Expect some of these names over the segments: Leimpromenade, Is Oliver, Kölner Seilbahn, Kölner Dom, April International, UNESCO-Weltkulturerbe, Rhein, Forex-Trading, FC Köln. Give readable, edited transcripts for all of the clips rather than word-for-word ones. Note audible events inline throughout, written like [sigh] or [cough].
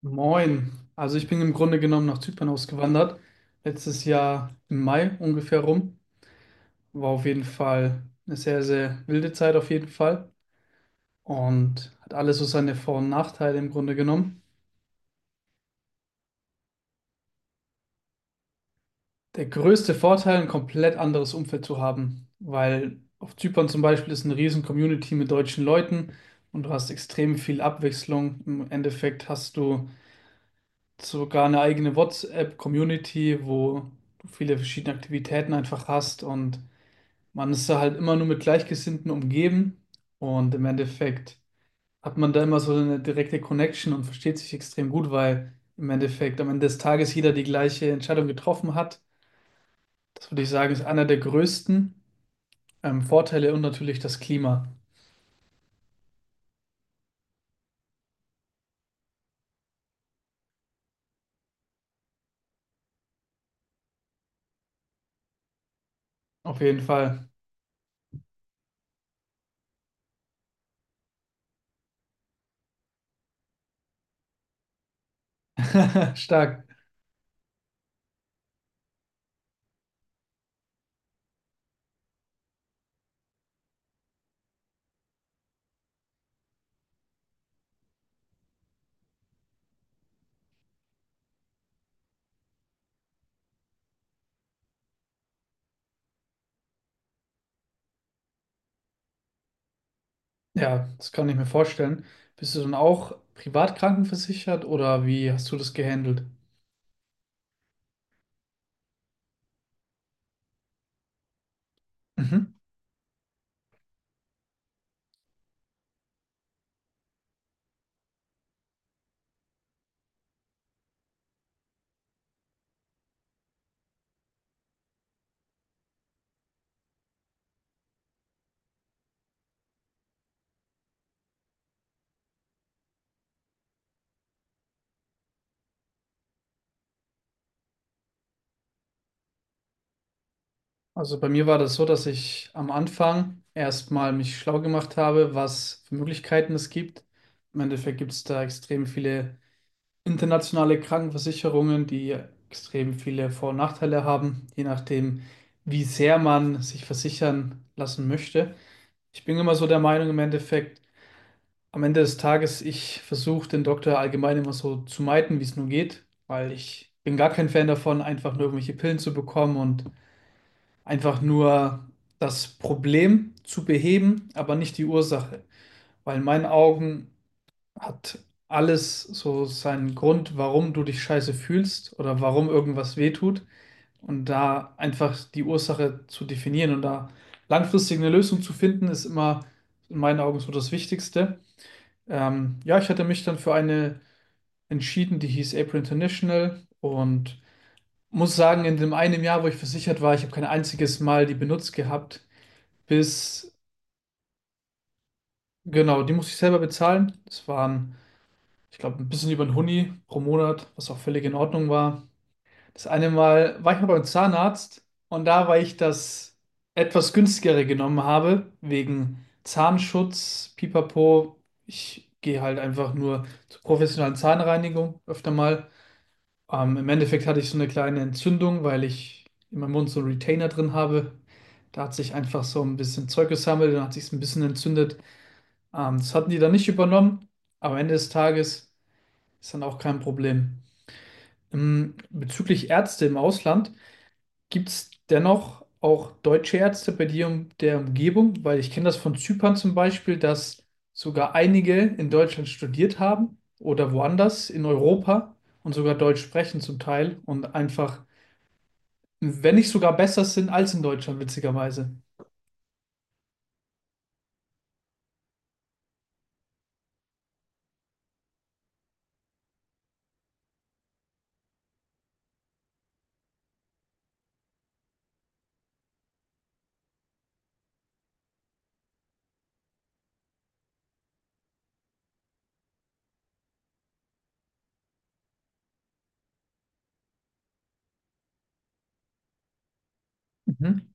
Moin. Also ich bin im Grunde genommen nach Zypern ausgewandert. Letztes Jahr im Mai ungefähr rum. War auf jeden Fall eine sehr, sehr wilde Zeit auf jeden Fall. Und hat alles so seine Vor- und Nachteile im Grunde genommen. Der größte Vorteil, ein komplett anderes Umfeld zu haben. Weil auf Zypern zum Beispiel ist eine riesen Community mit deutschen Leuten und du hast extrem viel Abwechslung. Im Endeffekt hast du sogar eine eigene WhatsApp-Community, wo du viele verschiedene Aktivitäten einfach hast, und man ist da halt immer nur mit Gleichgesinnten umgeben und im Endeffekt hat man da immer so eine direkte Connection und versteht sich extrem gut, weil im Endeffekt am Ende des Tages jeder die gleiche Entscheidung getroffen hat. Das würde ich sagen, ist einer der größten Vorteile und natürlich das Klima. Auf jeden Fall. [laughs] Stark. Ja, das kann ich mir vorstellen. Bist du dann auch privat krankenversichert oder wie hast du das gehandelt? Mhm. Also bei mir war das so, dass ich am Anfang erstmal mich schlau gemacht habe, was für Möglichkeiten es gibt. Im Endeffekt gibt es da extrem viele internationale Krankenversicherungen, die extrem viele Vor- und Nachteile haben, je nachdem, wie sehr man sich versichern lassen möchte. Ich bin immer so der Meinung, im Endeffekt, am Ende des Tages, ich versuche den Doktor allgemein immer so zu meiden, wie es nur geht, weil ich bin gar kein Fan davon, einfach nur irgendwelche Pillen zu bekommen und einfach nur das Problem zu beheben, aber nicht die Ursache. Weil in meinen Augen hat alles so seinen Grund, warum du dich scheiße fühlst oder warum irgendwas wehtut. Und da einfach die Ursache zu definieren und da langfristig eine Lösung zu finden, ist immer in meinen Augen so das Wichtigste. Ja, ich hatte mich dann für eine entschieden, die hieß April International, und muss sagen, in dem einen Jahr, wo ich versichert war, ich habe kein einziges Mal die benutzt gehabt bis, genau, die musste ich selber bezahlen. Das waren, ich glaube, ein bisschen über ein Hunni pro Monat, was auch völlig in Ordnung war. Das eine Mal war ich mal beim Zahnarzt und da, weil ich das etwas günstigere genommen habe, wegen Zahnschutz, Pipapo, ich gehe halt einfach nur zur professionellen Zahnreinigung öfter mal. Im Endeffekt hatte ich so eine kleine Entzündung, weil ich in meinem Mund so einen Retainer drin habe. Da hat sich einfach so ein bisschen Zeug gesammelt und hat sich ein bisschen entzündet. Das hatten die dann nicht übernommen, aber am Ende des Tages ist dann auch kein Problem. Bezüglich Ärzte im Ausland, gibt es dennoch auch deutsche Ärzte bei dir in der Umgebung? Weil ich kenne das von Zypern zum Beispiel, dass sogar einige in Deutschland studiert haben oder woanders in Europa und sogar Deutsch sprechen zum Teil und einfach, wenn nicht sogar besser sind als in Deutschland, witzigerweise. Mhm.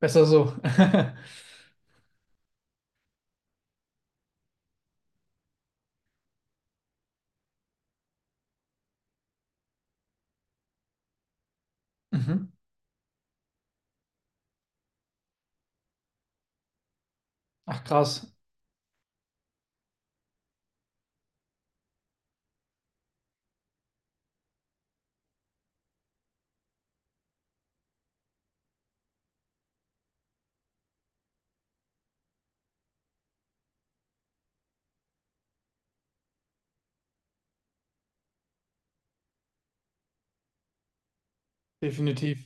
Besser so. [laughs] Mhm. Ach krass, definitiv.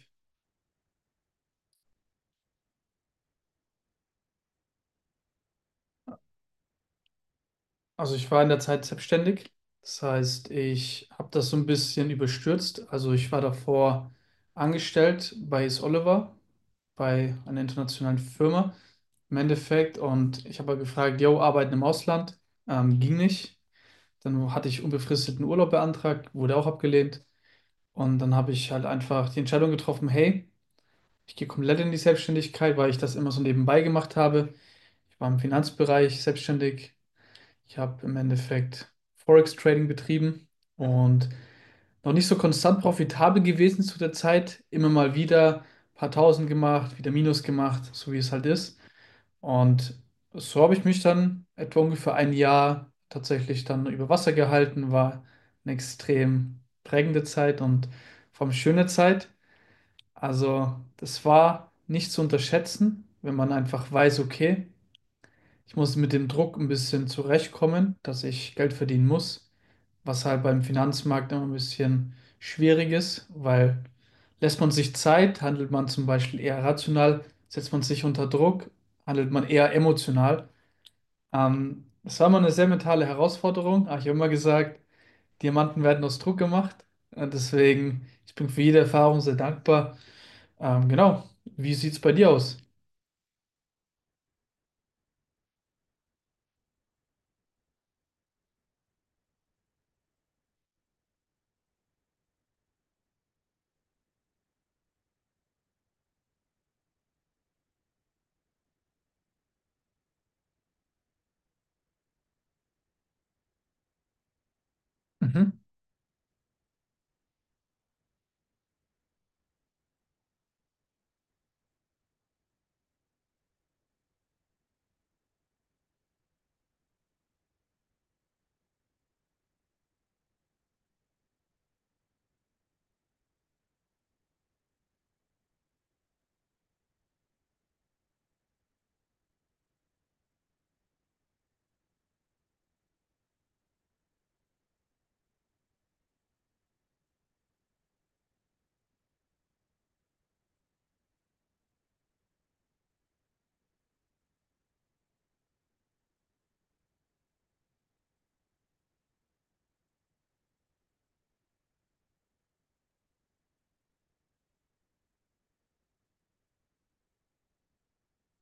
Also ich war in der Zeit selbstständig. Das heißt, ich habe das so ein bisschen überstürzt. Also ich war davor angestellt bei Is Oliver, bei einer internationalen Firma im Endeffekt. Und ich habe halt gefragt, yo, arbeiten im Ausland? Ging nicht. Dann hatte ich unbefristeten Urlaub beantragt, wurde auch abgelehnt. Und dann habe ich halt einfach die Entscheidung getroffen, hey, ich gehe komplett in die Selbstständigkeit, weil ich das immer so nebenbei gemacht habe. Ich war im Finanzbereich selbstständig, ich habe im Endeffekt Forex-Trading betrieben und noch nicht so konstant profitabel gewesen zu der Zeit. Immer mal wieder ein paar Tausend gemacht, wieder Minus gemacht, so wie es halt ist. Und so habe ich mich dann etwa ungefähr ein Jahr tatsächlich dann über Wasser gehalten. War eine extrem prägende Zeit und vor allem schöne Zeit. Also das war nicht zu unterschätzen, wenn man einfach weiß, okay, ich muss mit dem Druck ein bisschen zurechtkommen, dass ich Geld verdienen muss, was halt beim Finanzmarkt immer ein bisschen schwierig ist, weil lässt man sich Zeit, handelt man zum Beispiel eher rational, setzt man sich unter Druck, handelt man eher emotional. Das war mal eine sehr mentale Herausforderung, aber ich habe immer gesagt, Diamanten werden aus Druck gemacht. Deswegen, ich bin für jede Erfahrung sehr dankbar. Genau. Wie sieht es bei dir aus? Mhm,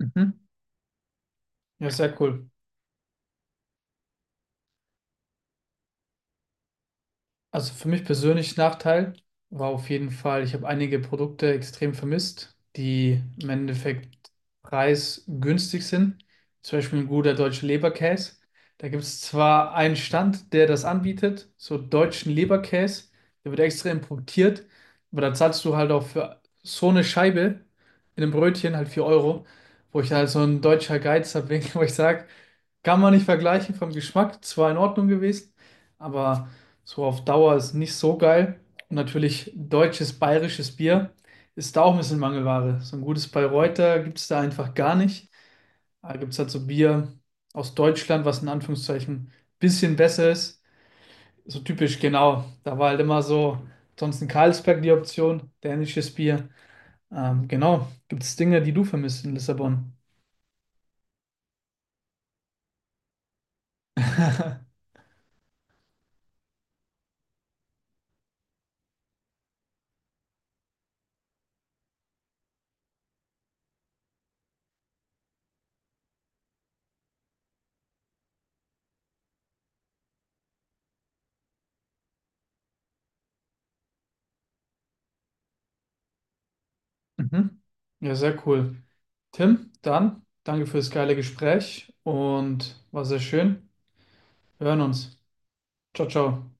mhm. Ja, sehr cool. Also für mich persönlich Nachteil war auf jeden Fall, ich habe einige Produkte extrem vermisst, die im Endeffekt preisgünstig sind. Zum Beispiel ein guter deutscher Leberkäse. Da gibt es zwar einen Stand, der das anbietet, so deutschen Leberkäse, der wird extra importiert, aber da zahlst du halt auch für so eine Scheibe in einem Brötchen halt 4 Euro, wo ich halt so ein deutscher Geiz habe, [laughs] wo ich sage, kann man nicht vergleichen vom Geschmack, zwar in Ordnung gewesen, aber. So auf Dauer ist nicht so geil. Und natürlich deutsches, bayerisches Bier ist da auch ein bisschen Mangelware. So ein gutes Bayreuther gibt es da einfach gar nicht. Da gibt es halt so Bier aus Deutschland, was in Anführungszeichen ein bisschen besser ist. So typisch, genau. Da war halt immer so, sonst in Carlsberg die Option, dänisches Bier. Genau, gibt es Dinge, die du vermisst in Lissabon. [laughs] Mhm. Ja, sehr cool. Tim, dann danke für das geile Gespräch und war sehr schön. Wir hören uns. Ciao, ciao.